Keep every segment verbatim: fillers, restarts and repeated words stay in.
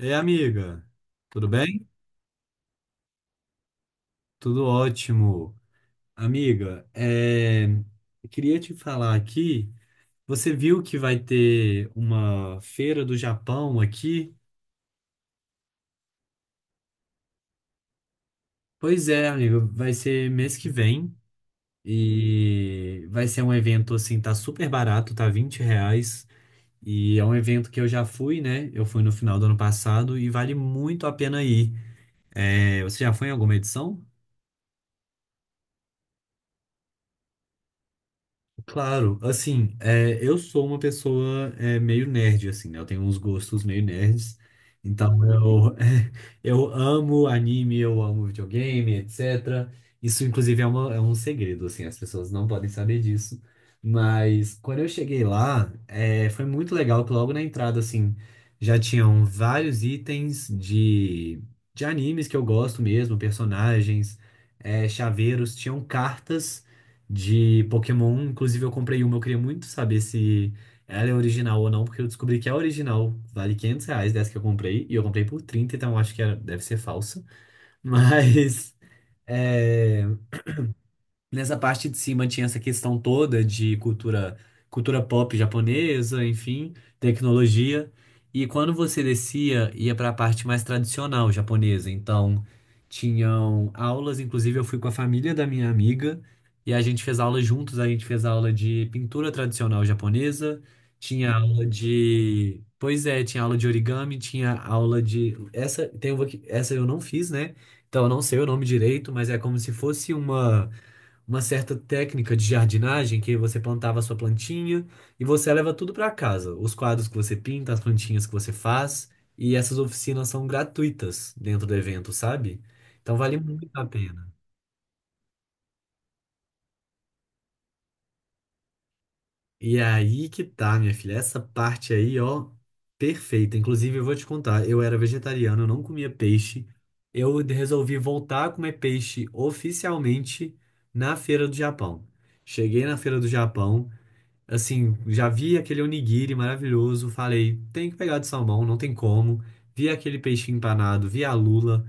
Ei, amiga, tudo bem? Tudo ótimo. Amiga, é, eu queria te falar aqui. Você viu que vai ter uma feira do Japão aqui? Pois é, amiga, vai ser mês que vem e vai ser um evento assim, tá super barato, tá Vinte reais. E é um evento que eu já fui, né? Eu fui no final do ano passado e vale muito a pena ir. É, você já foi em alguma edição? Claro, assim, é, eu sou uma pessoa é, meio nerd, assim, né? Eu tenho uns gostos meio nerds. Então eu, eu amo anime, eu amo videogame, etcetera. Isso, inclusive, é, uma, é um segredo, assim, as pessoas não podem saber disso. Mas quando eu cheguei lá, é, foi muito legal que logo na entrada, assim, já tinham vários itens de, de animes que eu gosto mesmo, personagens, é, chaveiros, tinham cartas de Pokémon. Inclusive, eu comprei uma, eu queria muito saber se ela é original ou não, porque eu descobri que é original. Vale quinhentos reais dessa que eu comprei, e eu comprei por trinta, então eu acho que era- deve ser falsa. Mas. é, Nessa parte de cima tinha essa questão toda de cultura, cultura pop japonesa, enfim, tecnologia. E quando você descia, ia para a parte mais tradicional japonesa. Então, tinham aulas, inclusive eu fui com a família da minha amiga e a gente fez aula juntos, a gente fez aula de pintura tradicional japonesa, tinha aula de, pois é, tinha aula de origami, tinha aula de essa, tem uma que essa eu não fiz, né? Então, eu não sei o nome direito, mas é como se fosse uma uma certa técnica de jardinagem que você plantava a sua plantinha e você leva tudo para casa. Os quadros que você pinta, as plantinhas que você faz, e essas oficinas são gratuitas dentro do evento, sabe? Então vale muito a pena. E é aí que tá, minha filha, essa parte aí, ó, perfeita. Inclusive, eu vou te contar, eu era vegetariano, eu não comia peixe. Eu resolvi voltar a comer peixe oficialmente na Feira do Japão. Cheguei na Feira do Japão, assim, já vi aquele onigiri maravilhoso, falei, tem que pegar de salmão, não tem como. Vi aquele peixinho empanado, vi a lula.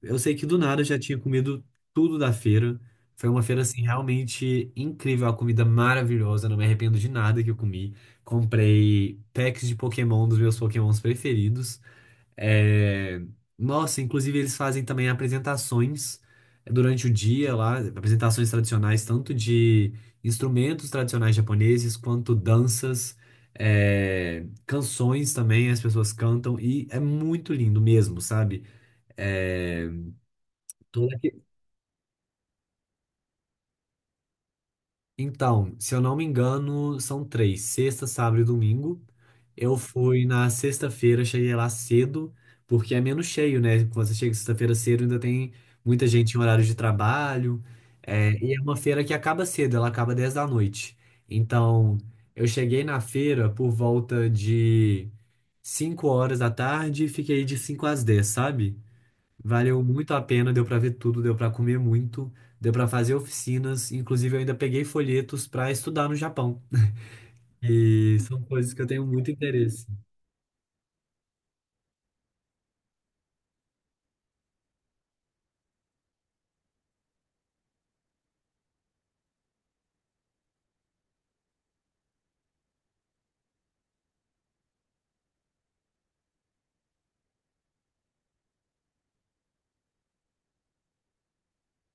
Eu sei que do nada eu já tinha comido tudo da feira. Foi uma feira, assim, realmente incrível, a comida maravilhosa, não me arrependo de nada que eu comi. Comprei packs de Pokémon dos meus Pokémons preferidos. É, Nossa, inclusive eles fazem também apresentações eh, durante o dia lá, apresentações tradicionais, tanto de instrumentos tradicionais japoneses, quanto danças, é, canções também, as pessoas cantam, e é muito lindo mesmo, sabe? É, Então, se eu não me engano, são três, sexta, sábado e domingo. Eu fui na sexta-feira, cheguei lá cedo, porque é menos cheio, né? Quando você chega sexta-feira cedo, ainda tem muita gente em horário de trabalho. É, e é uma feira que acaba cedo, ela acaba dez da noite. Então, eu cheguei na feira por volta de cinco horas da tarde e fiquei de cinco às dez, sabe? Valeu muito a pena, deu para ver tudo, deu para comer muito, deu para fazer oficinas, inclusive eu ainda peguei folhetos para estudar no Japão. E são coisas que eu tenho muito interesse.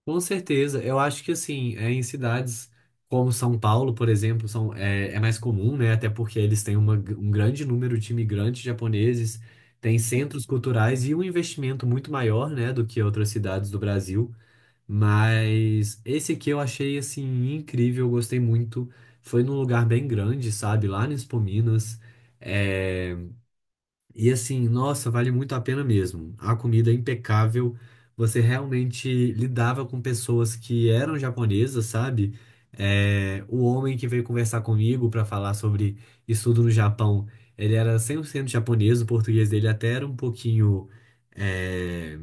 Com certeza, eu acho que assim, é em cidades como São Paulo, por exemplo, são, é, é mais comum, né? Até porque eles têm uma, um grande número de imigrantes japoneses, tem centros culturais e um investimento muito maior, né, do que outras cidades do Brasil. Mas esse aqui eu achei assim incrível, eu gostei muito. Foi num lugar bem grande, sabe? Lá no Expo Minas. É, e assim, nossa, vale muito a pena mesmo. A comida é impecável. Você realmente lidava com pessoas que eram japonesas, sabe? É, o homem que veio conversar comigo para falar sobre estudo no Japão, ele era cem por cento japonês, o português dele até era um pouquinho é,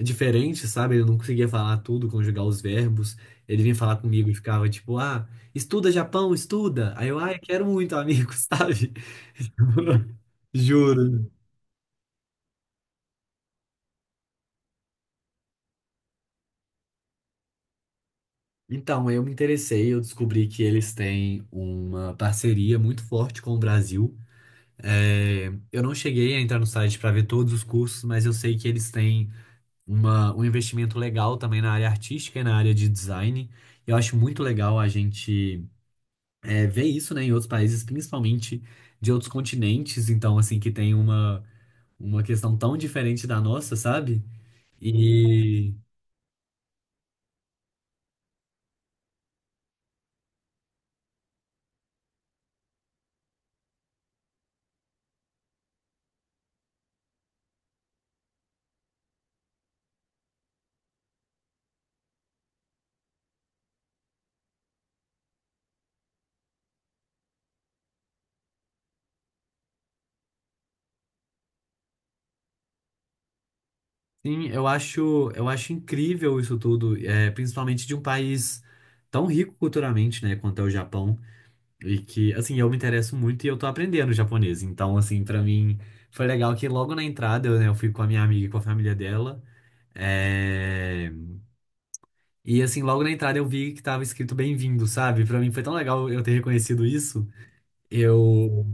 diferente, sabe? Ele não conseguia falar tudo, conjugar os verbos. Ele vinha falar comigo e ficava tipo, ah, estuda Japão, estuda. Aí eu, ah, eu quero muito, amigo, sabe? Juro. Então, eu me interessei, eu descobri que eles têm uma parceria muito forte com o Brasil. É, eu não cheguei a entrar no site para ver todos os cursos, mas eu sei que eles têm uma, um investimento legal também na área artística e na área de design. Eu acho muito legal a gente é, ver isso, né, em outros países, principalmente de outros continentes, então, assim, que tem uma, uma questão tão diferente da nossa, sabe? E sim, eu acho, eu acho incrível isso tudo, é, principalmente de um país tão rico culturalmente, né, quanto é o Japão, e que, assim, eu me interesso muito e eu tô aprendendo japonês, então, assim, pra mim foi legal que logo na entrada, eu, né, eu fui com a minha amiga e com a família dela, é, e, assim, logo na entrada eu vi que tava escrito bem-vindo, sabe? Pra mim foi tão legal eu ter reconhecido isso, eu...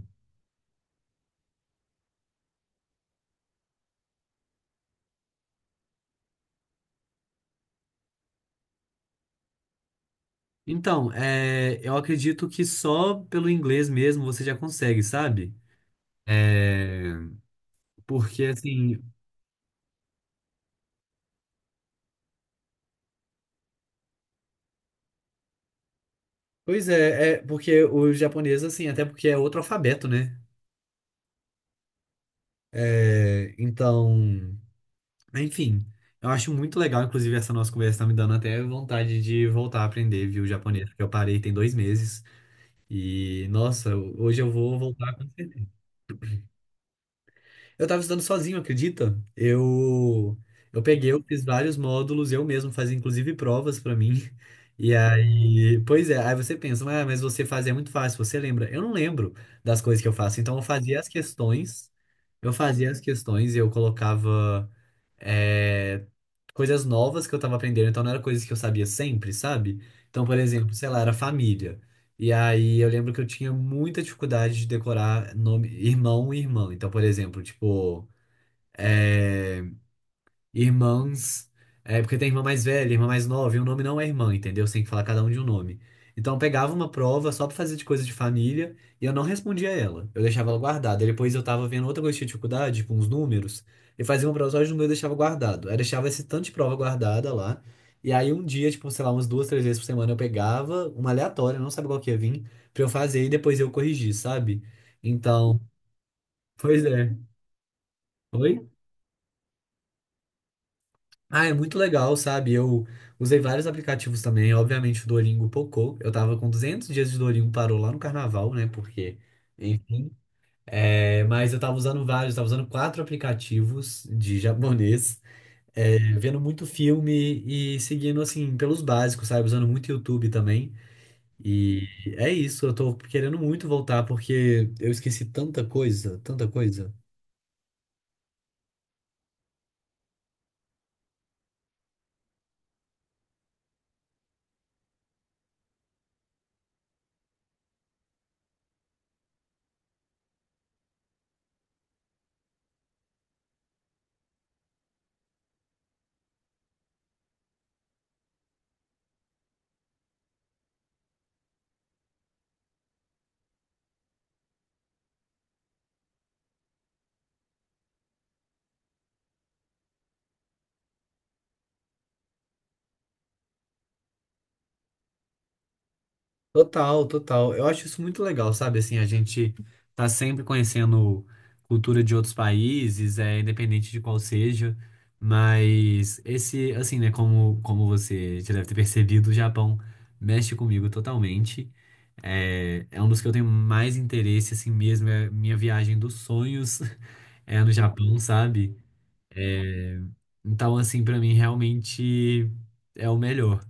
Então, é, eu acredito que só pelo inglês mesmo você já consegue, sabe? É... Porque, assim, pois é, é porque o japonês assim, até porque é outro alfabeto, né? É, então, enfim, eu acho muito legal, inclusive, essa nossa conversa tá me dando até vontade de voltar a aprender, viu, japonês, porque eu parei tem dois meses. E, nossa, hoje eu vou voltar. Eu tava estudando sozinho, acredita? Eu eu peguei, eu fiz vários módulos, eu mesmo fazia inclusive provas pra mim. E aí, pois é, aí você pensa, ah, mas você faz é muito fácil, você lembra? Eu não lembro das coisas que eu faço, então eu fazia as questões, eu fazia as questões e eu colocava é, coisas novas que eu tava aprendendo, então não era coisas que eu sabia sempre, sabe? Então, por exemplo, sei lá, era família. E aí eu lembro que eu tinha muita dificuldade de decorar nome, irmão e irmã. Então, por exemplo, tipo. é, irmãs. É porque tem irmã mais velha, irmã mais nova, e o nome não é irmã, entendeu? Você tem que falar cada um de um nome. Então eu pegava uma prova só pra fazer de coisa de família e eu não respondia ela. Eu deixava ela guardada. E depois eu tava vendo outra coisa de dificuldade, com uns números, e fazia uma prova só de número e deixava guardado. Aí eu deixava esse tanto de prova guardada lá. E aí um dia, tipo, sei lá, umas duas, três vezes por semana eu pegava uma aleatória, não sabe qual que ia vir, pra eu fazer e depois eu corrigir, sabe? Então, pois é. Oi? Ah, é muito legal, sabe? Eu usei vários aplicativos também. Obviamente, o Duolingo pocou. Eu tava com duzentos dias de Duolingo, parou lá no carnaval, né? Porque, enfim. É, mas eu tava usando vários, tava usando quatro aplicativos de japonês, é, vendo muito filme e seguindo, assim, pelos básicos, sabe? Usando muito YouTube também. E é isso, eu tô querendo muito voltar porque eu esqueci tanta coisa, tanta coisa. Total, total. Eu acho isso muito legal, sabe? Assim, a gente tá sempre conhecendo cultura de outros países, é independente de qual seja, mas esse, assim, né, como como você já deve ter percebido, o Japão mexe comigo totalmente. É, é um dos que eu tenho mais interesse, assim mesmo, é minha viagem dos sonhos é no Japão, sabe? É, então, assim, pra mim realmente é o melhor.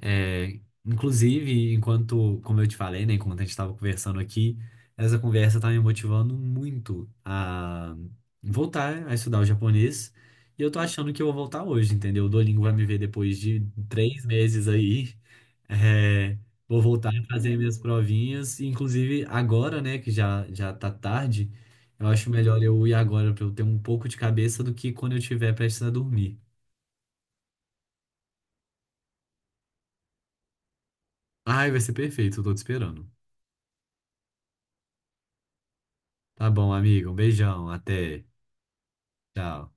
É, inclusive, enquanto, como eu te falei, né, enquanto a gente estava conversando aqui, essa conversa está me motivando muito a voltar a estudar o japonês. E eu tô achando que eu vou voltar hoje, entendeu? O Duolingo vai me ver depois de três meses aí. É, vou voltar a fazer minhas provinhas. E, inclusive, agora, né, que já, já tá tarde, eu acho melhor eu ir agora para eu ter um pouco de cabeça do que quando eu estiver prestes a dormir. Ai, vai ser perfeito, eu tô te esperando. Tá bom, amigo. Um beijão. Até. Tchau.